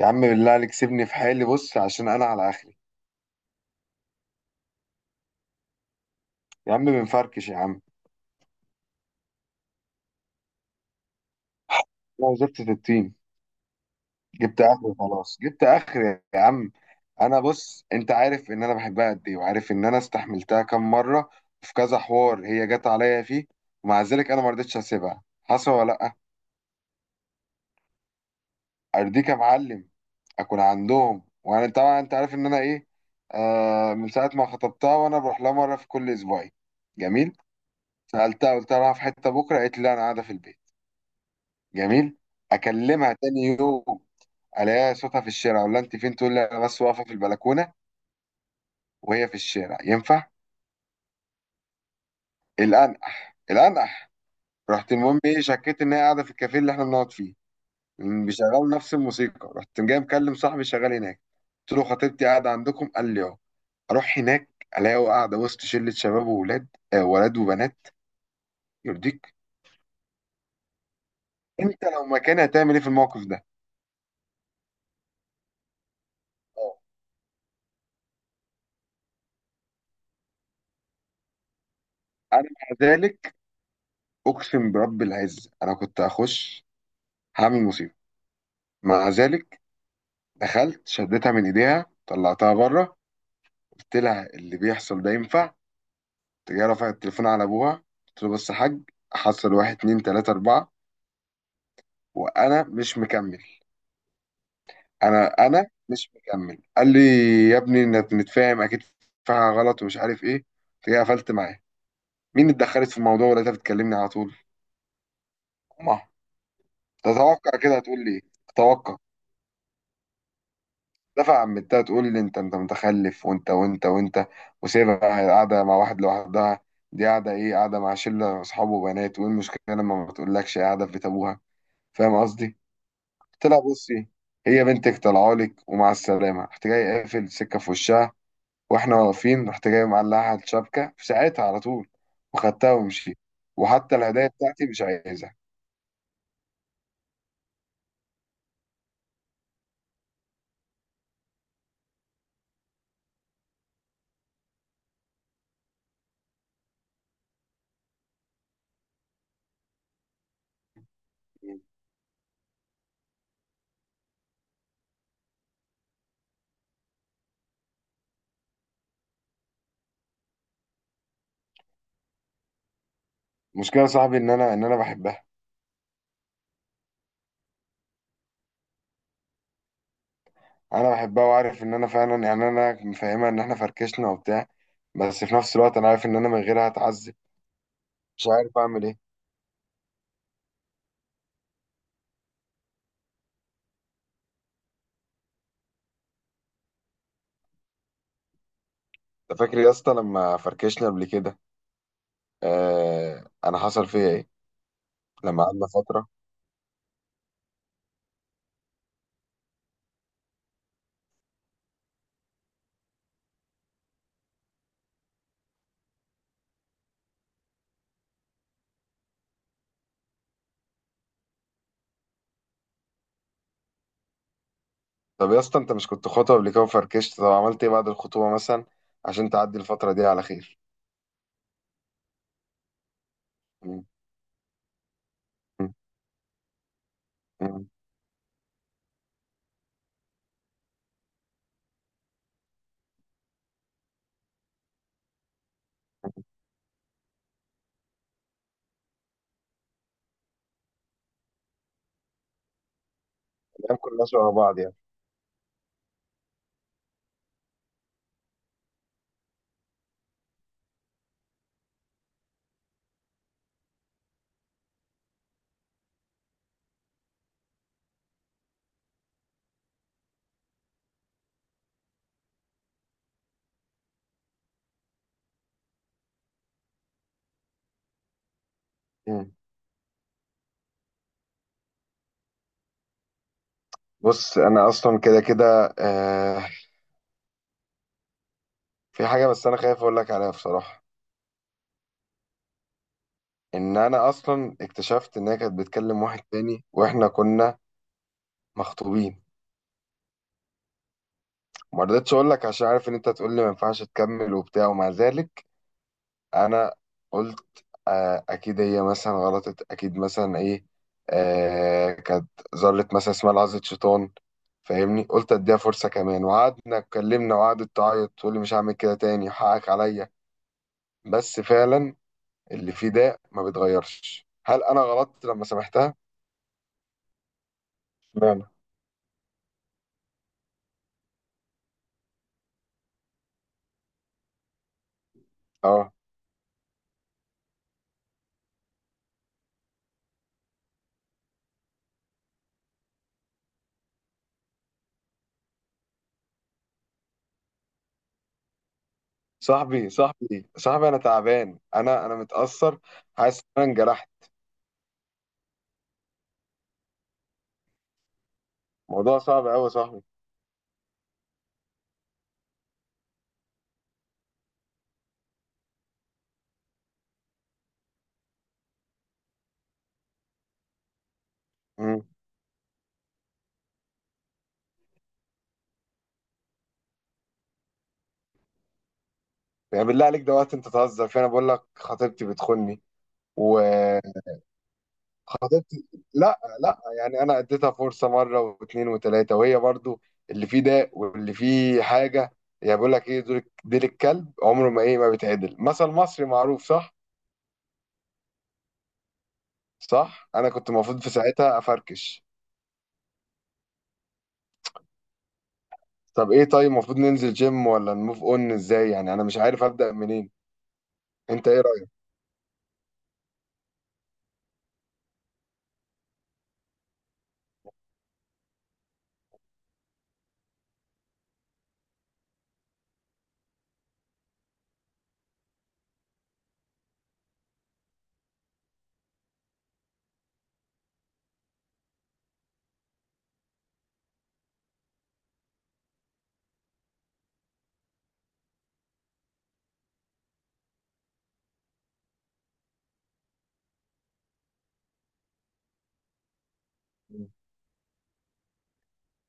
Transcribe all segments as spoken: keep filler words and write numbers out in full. يا عم بالله عليك سيبني في حالي. بص، عشان انا على اخري. يا عم بنفركش يا عم. انا وزفت في التيم. جبت اخري، خلاص جبت اخري يا عم. انا بص، انت عارف ان انا بحبها قد ايه، وعارف ان انا استحملتها كام مره في كذا حوار هي جت عليا فيه. ومع ذلك انا ما رضيتش اسيبها، حصل ولا لا؟ ارضيك يا معلم. اكون عندهم، وانا طبعا انت عارف ان انا ايه. آه، من ساعه ما خطبتها وانا بروح لها مره في كل اسبوعين. جميل. سالتها، قلت لها رايحة في حته بكره، قالت لي لا انا قاعده في البيت. جميل. اكلمها تاني يوم، الاقيها صوتها في الشارع. اقول لها انت فين، تقول لي انا بس واقفه في البلكونه. وهي في الشارع، ينفع؟ الانقح الانقح. رحت، المهم ايه، شكيت ان هي قاعده في الكافيه اللي احنا بنقعد فيه. بيشغلوا نفس الموسيقى. رحت جاي مكلم صاحبي شغال هناك، قلت له خطيبتي قاعده عندكم، قال لي اه. اروح هناك، الاقيه قاعده وسط شله شباب وولاد، آه ولاد وبنات. يرضيك؟ انت لو مكاني هتعمل ايه في الموقف ده؟ آه. انا مع ذلك، اقسم برب العزه انا كنت هخش هعمل مصيبه. مع ذلك، دخلت شدتها من ايديها طلعتها بره. قلت لها اللي بيحصل ده ينفع؟ تجي، رفعت التليفون على ابوها، قلت له بص يا حاج، حصل واحد اتنين تلاته اربعه، وانا مش مكمل. انا انا مش مكمل. قال لي يا ابني انت، نتفاهم اكيد، فيها غلط، ومش عارف ايه. قلت له، قفلت معاه. مين اتدخلت في الموضوع، ولا انت بتكلمني على طول؟ امها. تتوقع كده هتقول لي ايه؟ اتوقع. دفع عمتها تقول لي انت انت متخلف، وانت وانت وانت، وسيبها قاعده مع واحد لوحدها. دي قاعده ايه، قاعده مع شله اصحاب وبنات. وايه المشكله لما ما تقولكش قاعده في بيت ابوها؟ فاهم قصدي. قلت لها بصي، هي بنتك طلعالك، ومع السلامه. رحت جاي قافل السكه في وشها واحنا واقفين. رحت جاي معلقها على الشبكه في ساعتها على طول، وخدتها ومشيت. وحتى الهدايا بتاعتي مش عايزها. المشكله يا صاحبي ان انا ان انا بحبها. انا بحبها، وعارف ان انا فعلا يعني انا مفهمها ان احنا فركشنا وبتاع. بس في نفس الوقت انا عارف ان انا من غيرها هتعذب. مش عارف اعمل ايه. انت فاكر يا اسطى لما فركشنا قبل كده؟ آه، انا حصل فيا ايه لما قعدنا فتره. طب يا اسطى، انت مش كنت خطوه قبل كده وفركشت؟ طب عملت ايه بعد الخطوبه مثلا عشان تعدي الفتره دي على خير؟ مم. مم. مم. الايام كلها شبه بعض يعني. مم. بص انا اصلا كده كده آه. في حاجه بس انا خايف اقول لك عليها بصراحه. ان انا اصلا اكتشفت ان هي كانت بتكلم واحد تاني واحنا كنا مخطوبين. ما رضيتش اقول لك عشان عارف ان انت هتقول لي ما ينفعش تكمل وبتاع. ومع ذلك انا قلت آه اكيد هي مثلا غلطت، اكيد مثلا ايه، آه كانت ذره مثلا، اسمها لحظه شيطان، فاهمني. قلت اديها فرصه كمان، وقعدنا اتكلمنا، وقعدت تعيط تقول لي مش هعمل كده تاني حقك عليا. بس فعلا اللي فيه ده ما بيتغيرش. هل انا غلطت لما سامحتها؟ اشمعنى؟ اه. صاحبي صاحبي صاحبي، انا تعبان، انا انا متاثر، حاسس ان انا انجرحت. موضوع صعب قوي يا صاحبي. امم. يعني بالله عليك ده وقت انت تهزر فيه؟ انا بقول لك خطيبتي بتخوني، وخطيبتي. لا لا، يعني انا اديتها فرصه مره واثنين وثلاثه، وهي برضو اللي فيه داء واللي فيه حاجه. يعني بقول لك ايه، دول ديل الكلب عمره ما ايه، ما بيتعدل، مثل مصري معروف، صح؟ صح، انا كنت المفروض في ساعتها افركش. طب ايه، طيب المفروض ننزل جيم ولا نموف اون؟ ازاي يعني، انا مش عارف ابدا منين. انت ايه رأيك؟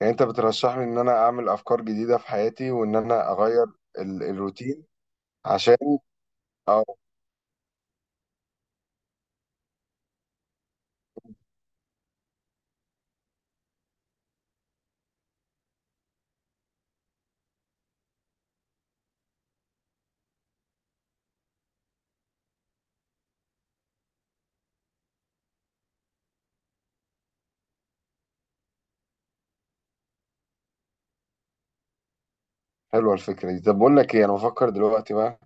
يعني انت بترشح لي ان انا اعمل افكار جديدة في حياتي، وان انا اغير ال الروتين؟ عشان اه. حلوة الفكرة دي. طب بقول لك ايه، انا بفكر دلوقتي بقى،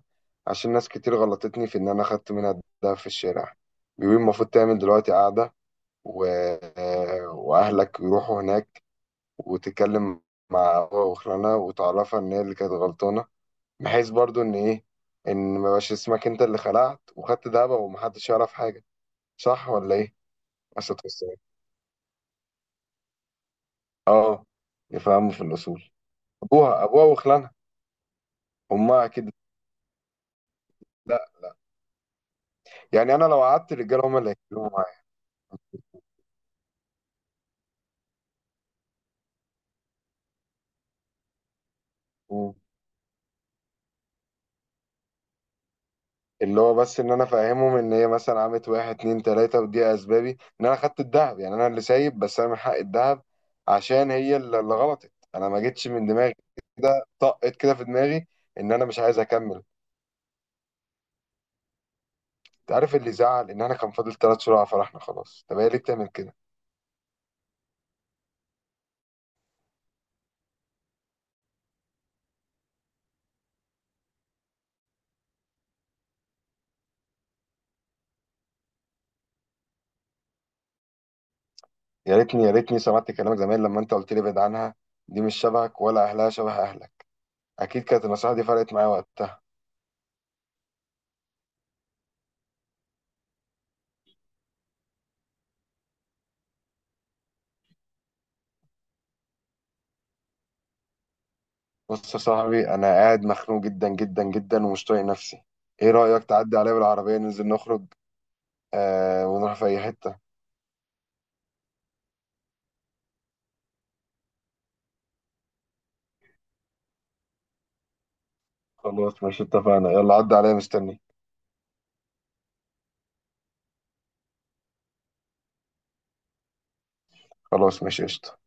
عشان ناس كتير غلطتني في ان انا خدت منها الدهب في الشارع. بيقولوا المفروض تعمل دلوقتي قعدة و... واهلك يروحوا هناك وتتكلم مع أبوها وخلانها، وتعرفها ان هي اللي كانت غلطانة، بحيث برضو ان ايه، ان ما يبقاش اسمك انت اللي خلعت وخدت دهب ومحدش يعرف حاجة. صح ولا ايه؟ بس اه. يفهموا في الاصول. ابوها ابوها وخلانها. امها اكيد. لا، يعني انا لو قعدت الرجاله هم اللي هيتكلموا معايا. مم. اللي هو بس ان انا فاهمهم ان هي مثلا عملت واحد اتنين تلاته، ودي اسبابي ان انا خدت الذهب، يعني انا اللي سايب بس انا من حق الذهب، عشان هي اللي اللي غلطت. انا ما جيتش من دماغي، كده طقت كده في دماغي ان انا مش عايز اكمل. انت عارف اللي زعل ان انا كان فاضل ثلاث شهور على فرحنا خلاص، طب هي ليه بتعمل كده؟ يا ريتني يا ريتني سمعت كلامك زمان لما انت قلت لي ابعد عنها، دي مش شبهك ولا اهلها شبه اهلك. اكيد كانت النصيحه دي فرقت معايا وقتها. بص يا صاحبي، انا قاعد مخنوق جدا جدا جدا، ومش طايق نفسي. ايه رايك تعدي عليا بالعربيه ننزل نخرج، آه ونروح في اي حته؟ خلاص ماشي، اتفقنا. يلا عدي عليا، مستني. خلاص ماشي، قشطه.